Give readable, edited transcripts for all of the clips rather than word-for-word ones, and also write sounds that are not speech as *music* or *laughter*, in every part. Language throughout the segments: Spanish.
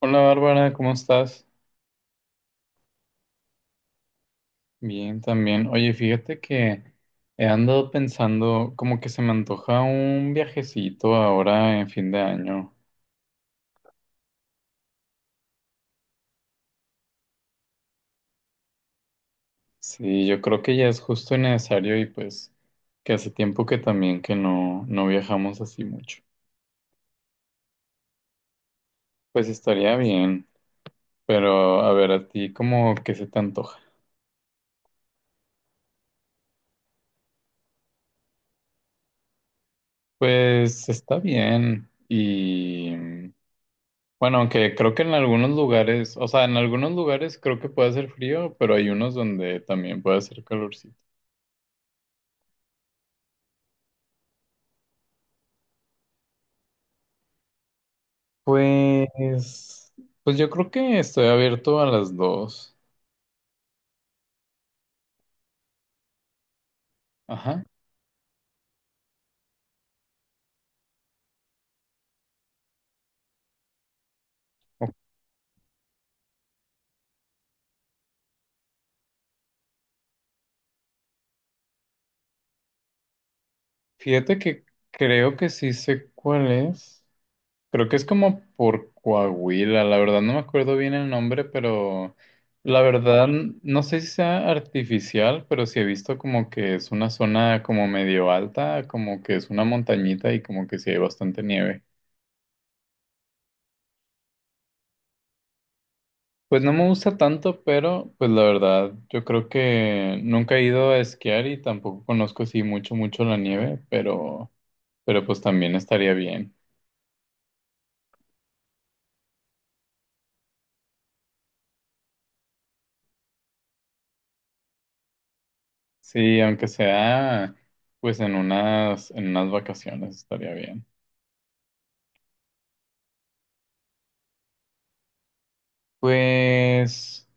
Hola Bárbara, ¿cómo estás? Bien, también. Oye, fíjate que he andado pensando como que se me antoja un viajecito ahora en fin de año. Sí, yo creo que ya es justo y necesario y pues que hace tiempo que también que no viajamos así mucho. Pues estaría bien, pero a ver, a ti como que se te antoja. Pues está bien y bueno, aunque creo que en algunos lugares, o sea, en algunos lugares creo que puede hacer frío, pero hay unos donde también puede hacer calorcito. Pues, pues, yo creo que estoy abierto a las dos. Ajá. O- Fíjate que creo que sí sé cuál es. Creo que es como por Coahuila, la verdad no me acuerdo bien el nombre, pero la verdad no sé si sea artificial, pero sí he visto como que es una zona como medio alta, como que es una montañita y como que sí hay bastante nieve. Pues no me gusta tanto, pero pues la verdad yo creo que nunca he ido a esquiar y tampoco conozco así mucho, mucho la nieve, pero pues también estaría bien. Sí, aunque sea pues en unas vacaciones estaría bien. Pues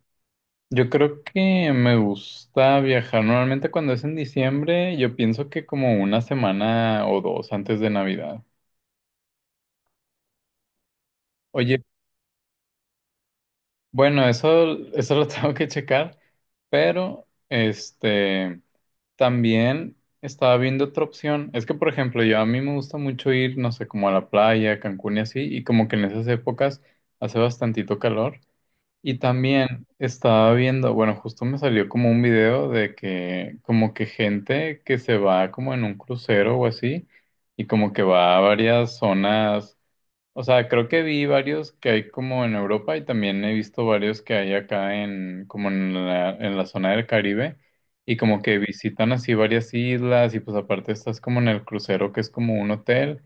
yo creo que me gusta viajar. Normalmente cuando es en diciembre, yo pienso que como una semana o dos antes de Navidad. Oye, bueno, eso lo *laughs* tengo que checar, pero este también estaba viendo otra opción. Es que, por ejemplo, yo a mí me gusta mucho ir, no sé, como a la playa, Cancún y así, y como que en esas épocas hace bastantito calor. Y también estaba viendo, bueno, justo me salió como un video de que como que gente que se va como en un crucero o así y como que va a varias zonas, o sea, creo que vi varios que hay como en Europa y también he visto varios que hay acá en como en la zona del Caribe y como que visitan así varias islas y pues aparte estás como en el crucero que es como un hotel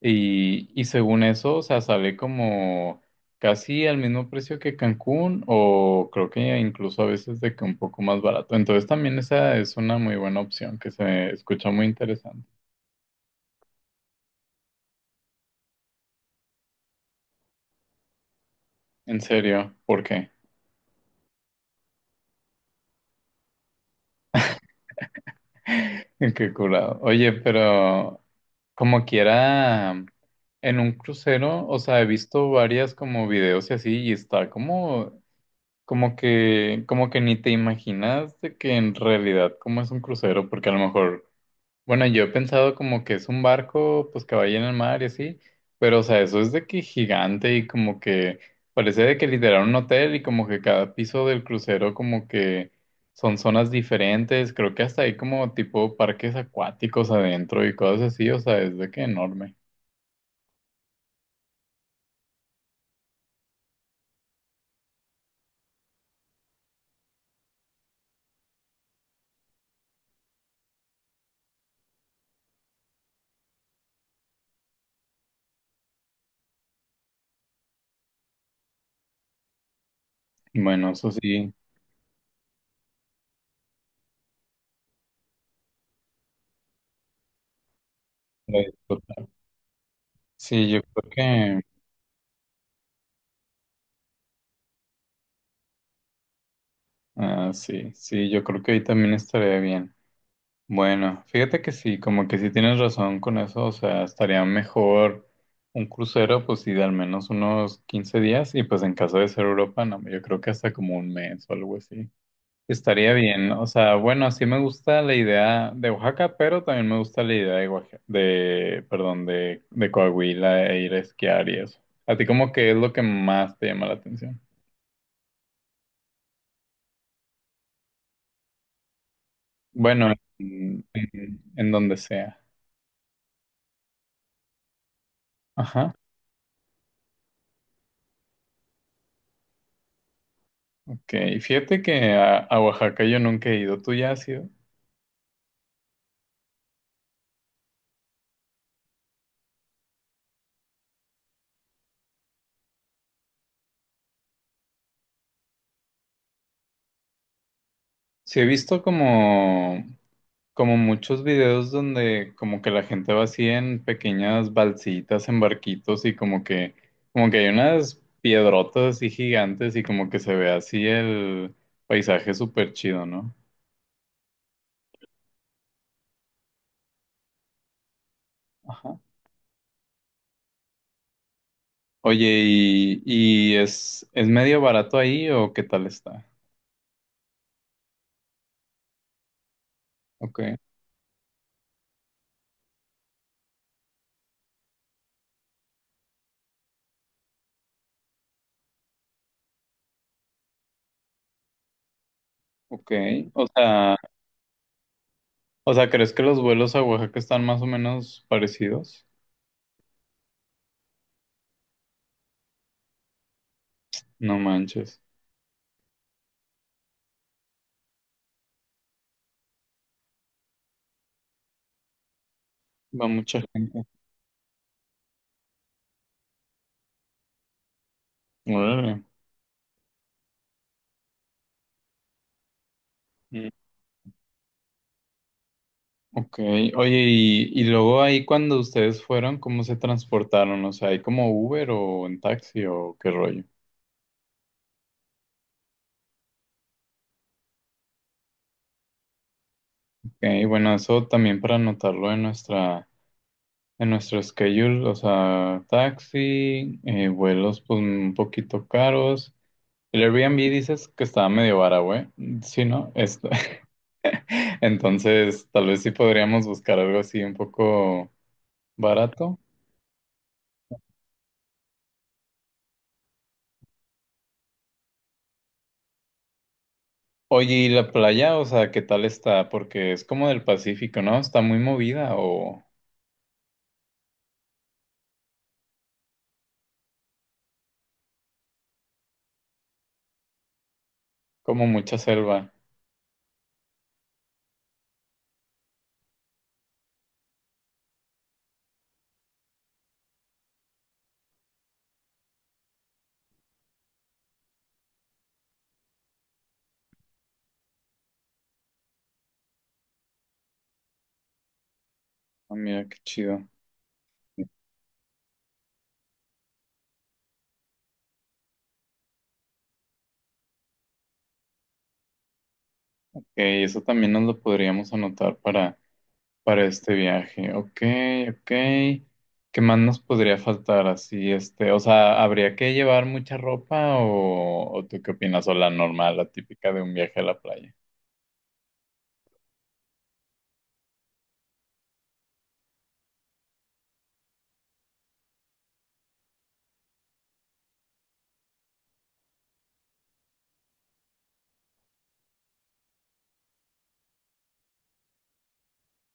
y según eso, o sea, sale como casi al mismo precio que Cancún o creo que incluso a veces de que un poco más barato. Entonces también esa es una muy buena opción que se escucha muy interesante. En serio, ¿por qué? *laughs* Qué curado. Oye, pero como quiera, en un crucero, o sea, he visto varias como videos y así, y está como que ni te imaginas de que en realidad cómo es un crucero, porque a lo mejor bueno, yo he pensado como que es un barco, pues que vaya en el mar y así, pero o sea, eso es de que gigante y como que parece de que literal un hotel y como que cada piso del crucero como que son zonas diferentes, creo que hasta hay como tipo parques acuáticos adentro y cosas así, o sea, es de que enorme. Bueno, eso sí, lo disfruto. Sí, yo creo que, ah, sí, sí, yo creo que ahí también estaría bien. Bueno, fíjate que sí, como que sí tienes razón con eso, o sea, estaría mejor un crucero, pues sí, de al menos unos 15 días, y pues en caso de ser Europa, no, yo creo que hasta como un mes o algo así. Estaría bien, o sea, bueno, sí me gusta la idea de Oaxaca, pero también me gusta la idea de, de, perdón, de Coahuila e ir a esquiar y eso. ¿A ti como que es lo que más te llama la atención? Bueno, en donde sea. Ajá. Ok, fíjate que a Oaxaca yo nunca he ido, ¿tú ya has ido? Sí he visto como muchos videos donde como que la gente va así en pequeñas balsitas, en barquitos y como que hay unas piedrotas así gigantes y como que se ve así el paisaje súper chido, ¿no? Ajá. Oye, ¿y es medio barato ahí o qué tal está? Ok, ok. O sea, o sea, ¿crees que los vuelos a Oaxaca están más o menos parecidos? No manches, va mucha gente. Órale. Mm, ok, oye, y luego ahí cuando ustedes fueron, ¿cómo se transportaron? O sea, ¿hay como Uber o en taxi o qué rollo? Ok, bueno, eso también para anotarlo en nuestro schedule, o sea, taxi, vuelos pues un poquito caros. El Airbnb dices que estaba medio vara, güey. Sí, ¿no? *laughs* Entonces, tal vez sí podríamos buscar algo así un poco barato. Oye, ¿y la playa? O sea, ¿qué tal está? Porque es como del Pacífico, ¿no? ¿Está muy movida o como mucha selva? Ah, mira, qué chido. Ok, eso también nos lo podríamos anotar para este viaje. Ok, ok. ¿Qué más nos podría faltar así? Este, o sea, ¿habría que llevar mucha ropa o tú qué opinas? O la normal, la típica de un viaje a la playa.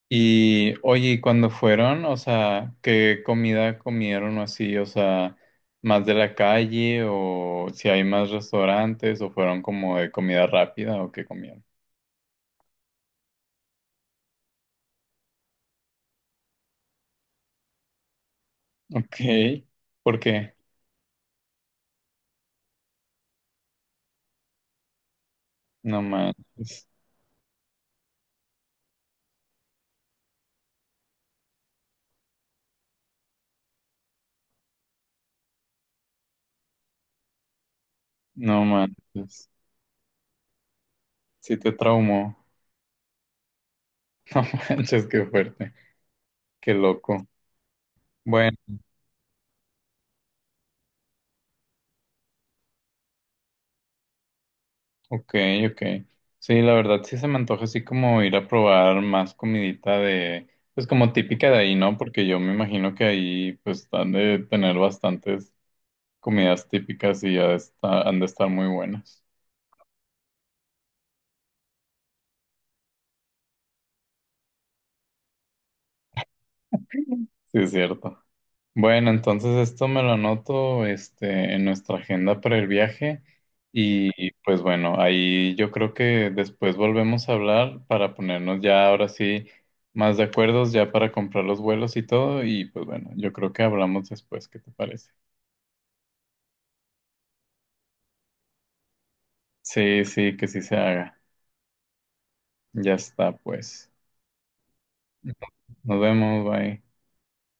Y oye, ¿y cuándo fueron? O sea, ¿qué comida comieron o así? O sea, ¿más de la calle o si hay más restaurantes o fueron como de comida rápida o qué comieron? *laughs* Ok, ¿por qué? No manches, no manches. Si te traumó. *laughs* No manches, qué fuerte, qué loco. Bueno. Ok, ok. Sí, la verdad sí se me antoja así como ir a probar más comidita de, pues como típica de ahí, ¿no? Porque yo me imagino que ahí pues han de tener bastantes comidas típicas y han de estar muy buenas. Sí, es cierto. Bueno, entonces esto me lo anoto, este, en nuestra agenda para el viaje y pues bueno, ahí yo creo que después volvemos a hablar para ponernos ya ahora sí más de acuerdos ya para comprar los vuelos y todo y pues bueno, yo creo que hablamos después, ¿qué te parece? Sí, sí, que sí se haga. Ya está, pues. Nos vemos, bye.